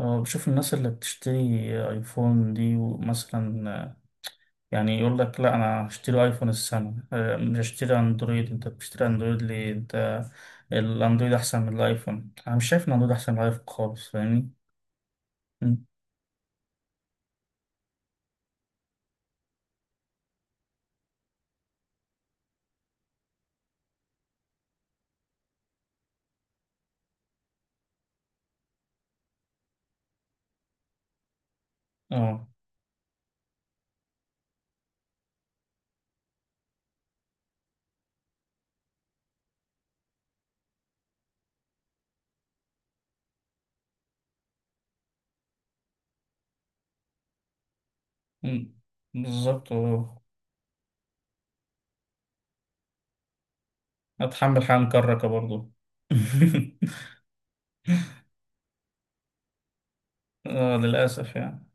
اه، بشوف الناس اللي بتشتري ايفون دي ومثلا يعني يقول لك: لا، انا هشتري ايفون السنة، مش هشتري اندرويد. انت بتشتري اندرويد ليه؟ انت الاندرويد احسن من الايفون؟ انا مش شايف ان الاندرويد احسن من الايفون خالص، فاهمني؟ م. اه. م. بالظبط، اه. اتحمل حال كركة برضو. اه، للاسف يعني.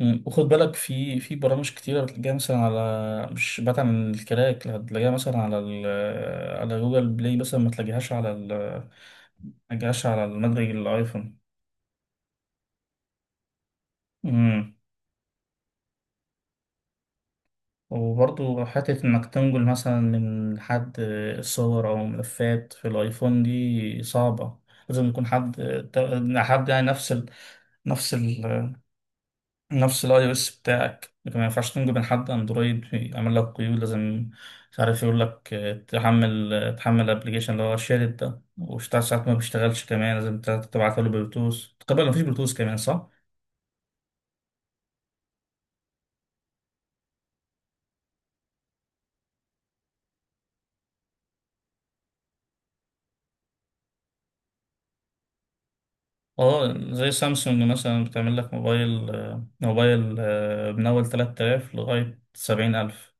مم. وخد بالك، في برامج كتيرة بتلاقيها مثلا على، مش بعيد عن الكراك، لا، هتلاقيها مثلا على جوجل بلاي، مثلا ما تلاقيهاش على المدرج الآيفون. مم. وبرضو حتة إنك تنقل مثلا من حد صور أو ملفات في الآيفون دي صعبة. لازم يكون حد يعني نفس ال... نفس الاي او اس بتاعك، لكن ما ينفعش تنجو من حد اندرويد يعمل لك قيود. لازم مش عارف يقول لك: تحمل الابلكيشن اللي هو شارد ده وشتاع، ساعات ما بيشتغلش كمان، لازم تبعته له بلوتوث. تقريبا مفيش بلوتوث كمان، صح؟ اه. زي سامسونج مثلا بتعمل لك موبايل آه، موبايل آه، من اول 3000 لغاية 70000.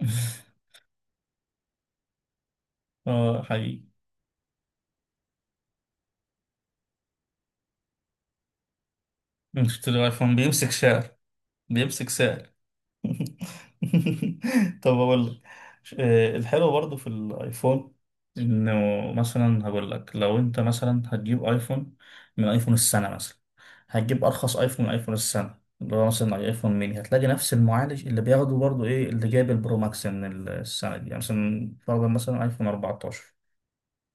اه، حقيقي. مش تشتري ايفون، بيمسك سعر. بيمسك سعر. طب اقول لك، الحلو برضو في الايفون انه مثلا، هقول لك: لو انت مثلا هتجيب ايفون من ايفون السنه، مثلا هتجيب ارخص ايفون من ايفون السنه، اللي هو مثلا ايفون ميني، هتلاقي نفس المعالج اللي بياخده برضو ايه اللي جايب البرو ماكس من السنه دي. يعني مثلا فرضا، مثلا ايفون 14،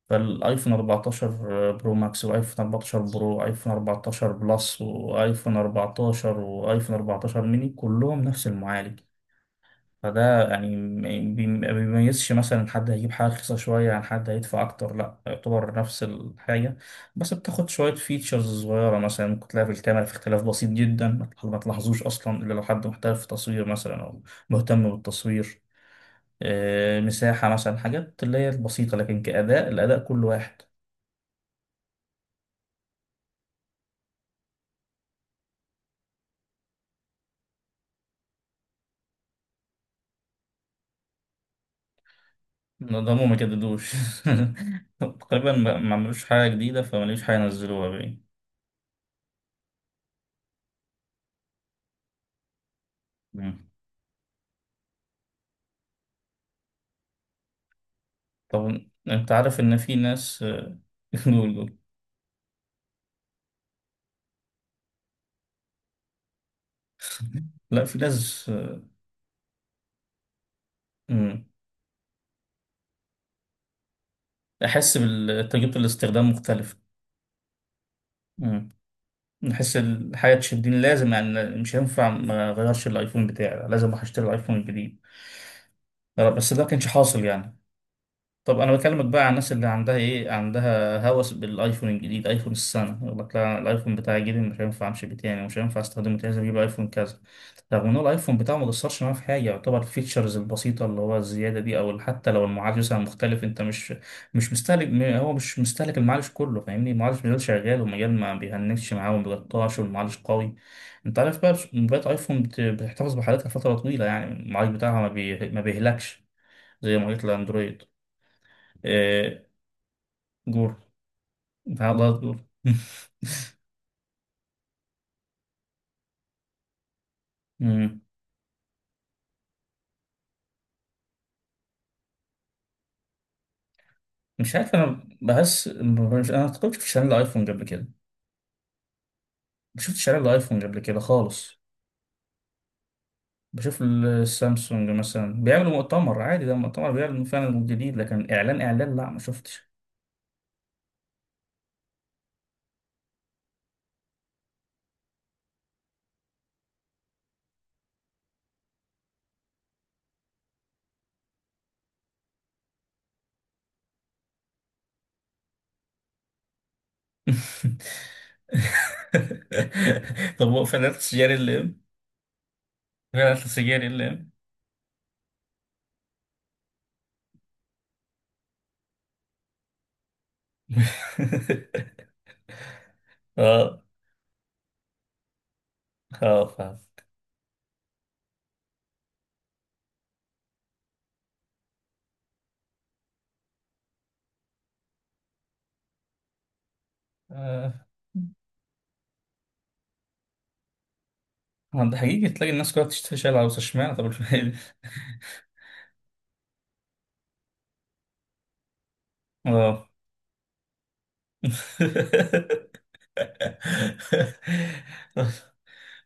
فالايفون 14 برو ماكس، وايفون 14 برو، وايفون 14 بلس، وايفون 14، وايفون 14 ميني، كلهم نفس المعالج. فده يعني ما بيميزش مثلا حد هيجيب حاجة رخيصة شوية عن حد هيدفع أكتر، لأ، يعتبر نفس الحاجة، بس بتاخد شوية فيتشرز صغيرة. مثلا ممكن تلاقي في الكاميرا في اختلاف بسيط جدا ما تلاحظوش أصلا إلا لو حد محترف في التصوير مثلا، أو مهتم بالتصوير. مساحة مثلا، حاجات اللي هي البسيطة، لكن كأداء الأداء كل واحد. نظامهم ما جددوش. تقريبا ما عملوش حاجة جديدة، فما لقوش حاجة ينزلوها بقى. مم. طب انت عارف ان في ناس. جول. لا، في ناس. مم. احس تجربة الاستخدام مختلفة. مم. نحس الحياة تشدني، لازم يعني مش هينفع ما اغيرش الايفون بتاعي، لازم اروح اشتري الايفون الجديد. بس ده كانش حاصل يعني. طب انا بكلمك بقى عن الناس اللي عندها هوس بالايفون الجديد، ايفون السنه، يقول لك: لا، الايفون بتاعي الجديد مش هينفع امشي بيه تاني، ومش هينفع استخدمه تاني، لازم اجيب ايفون كذا. رغم ان هو الايفون بتاعه ما قصرش معاه في حاجه، يعتبر الفيتشرز البسيطه اللي هو الزياده دي، او حتى لو المعالج مثلا مختلف، انت مش مستهلك هو مش مستهلك المعالج كله، فاهمني؟ المعالج مازال شغال، والمجال ما بيهنكش معاه وما بيقطعش، والمعالج قوي. انت عارف بقى موبايلات ايفون بتحتفظ بحالتها فتره طويله. يعني المعالج بتاعها ما بيهلكش زي معالجات الاندرويد. آه، جور. بعضها جور. مم. مش عارف، انا بحس مش. انا ما كنتش في شارع الايفون قبل كده، ما شفتش شارع الايفون قبل كده خالص. بشوف السامسونج مثلا بيعملوا مؤتمر عادي، ده مؤتمر بيعلن فعلا جديد، لكن اعلان اعلان، لا ما شفتش. طب هو فعلا السجاري اللي ام فعلا السجاري اللي ام. اه. اه فاهم آه، ما ده حقيقي تلاقي الناس كلها بتشتري شاي العروسة اشمعنى طب الفيل اه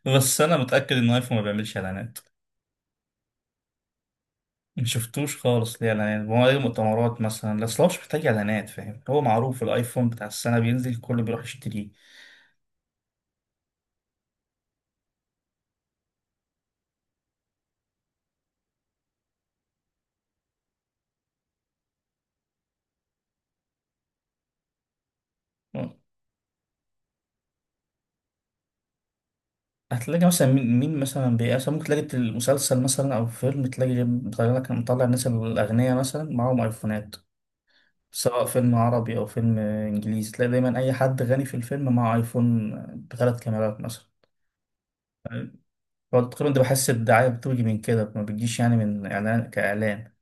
بس انا متاكد ان ايفون ما بيعملش اعلانات. ما شفتوش خالص ليه اعلانات، هو ايه مؤتمرات مثلا. اصل هو مش محتاج اعلانات، فاهم؟ هو معروف، الايفون بتاع السنه بينزل الكل بيروح يشتريه. هتلاقي مثلا مين مثلا مثلا، ممكن تلاقي المسلسل مثلا او فيلم، تلاقي مطلع الناس الاغنياء مثلا معاهم ايفونات، سواء فيلم عربي او فيلم انجليزي، تلاقي دايما اي حد غني في الفيلم معاه ايفون بثلاث كاميرات مثلا. هو تقريبا ده، بحس الدعاية بتيجي من كده، ما بتجيش يعني من إعلان كإعلان.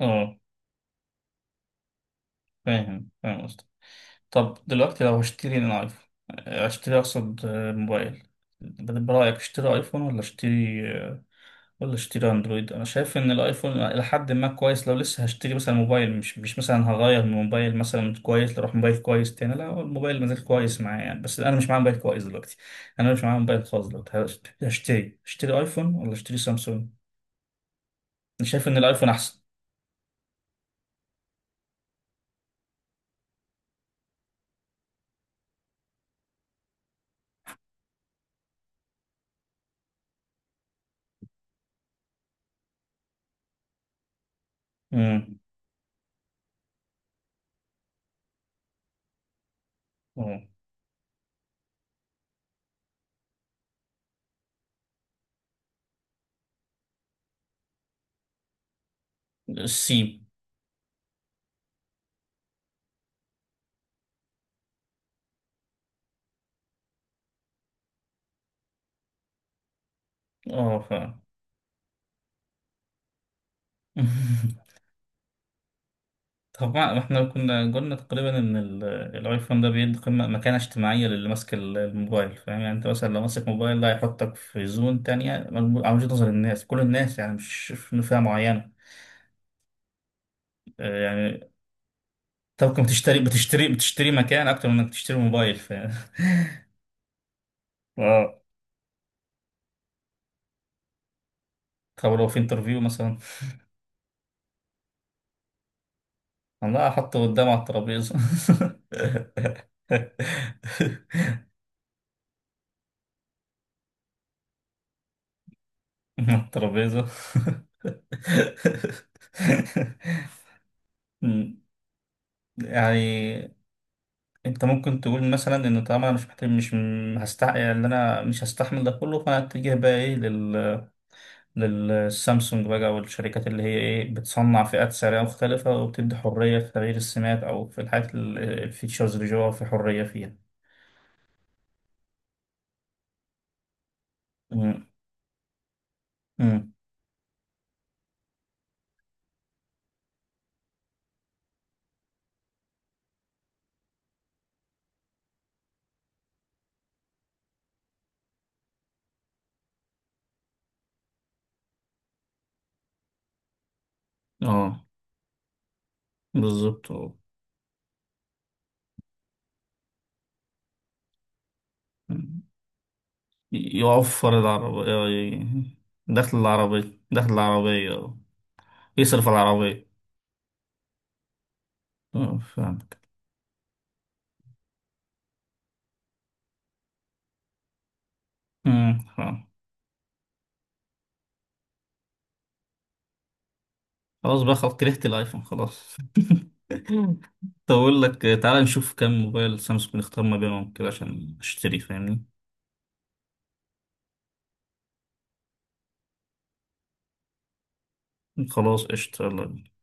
اه فاهم، فاهم قصدك. طب دلوقتي، لو هشتري ان ايفون، اشتري اقصد موبايل، برأيك اشتري ايفون ولا اشتري اندرويد؟ انا شايف ان الايفون الى حد ما كويس، لو لسه هشتري مثلا موبايل، مش مثلا هغير من موبايل مثلا كويس لروح موبايل كويس تاني. لا، هو الموبايل مازال كويس معايا يعني، بس انا مش معايا موبايل كويس دلوقتي. انا مش معايا موبايل خالص دلوقتي. اشتري ايفون ولا اشتري سامسونج؟ انا شايف ان الايفون احسن. امم. اه. السين. اه فعلا. طبعا احنا كنا قلنا تقريبا ان الايفون ده بيدي قيمة، مكانة اجتماعية للي ماسك الموبايل. فاهم يعني؟ انت مثلا لو ماسك موبايل ده هيحطك في زون تانية على وجهة نظر الناس، كل الناس يعني، مش في فئة معينة. يعني. طب ممكن بتشتري مكان اكتر من انك تشتري موبايل، فاهم؟ اه. طب لو في انترفيو مثلا، والله احطه قدام على الترابيزة. الترابيزة. أمم، يعني، انت ممكن تقول مثلا ان طالما انا مش محتاج مش م- هستع يعني ان انا مش هستحمل ده كله، فانا اتجه بقى ايه للسامسونج بقى، والشركات اللي هي ايه بتصنع فئات سعرية مختلفة، وبتدي حرية في تغيير السمات او في الحاجات الفيتشرز اللي جوه في حرية فيها. أمم. أمم. اه، بالظبط، آه. أمم. يوفر العربية. دخل العربية، دخل العربية يصرف على العربية. فهمت. فهمت. خلاص بقى، خلاص كرهت الايفون خلاص. طب اقول لك، تعالى نشوف كم موبايل سامسونج نختار ما بينهم كده عشان اشتري، فاهمني؟ خلاص قشطة، يلا بينا.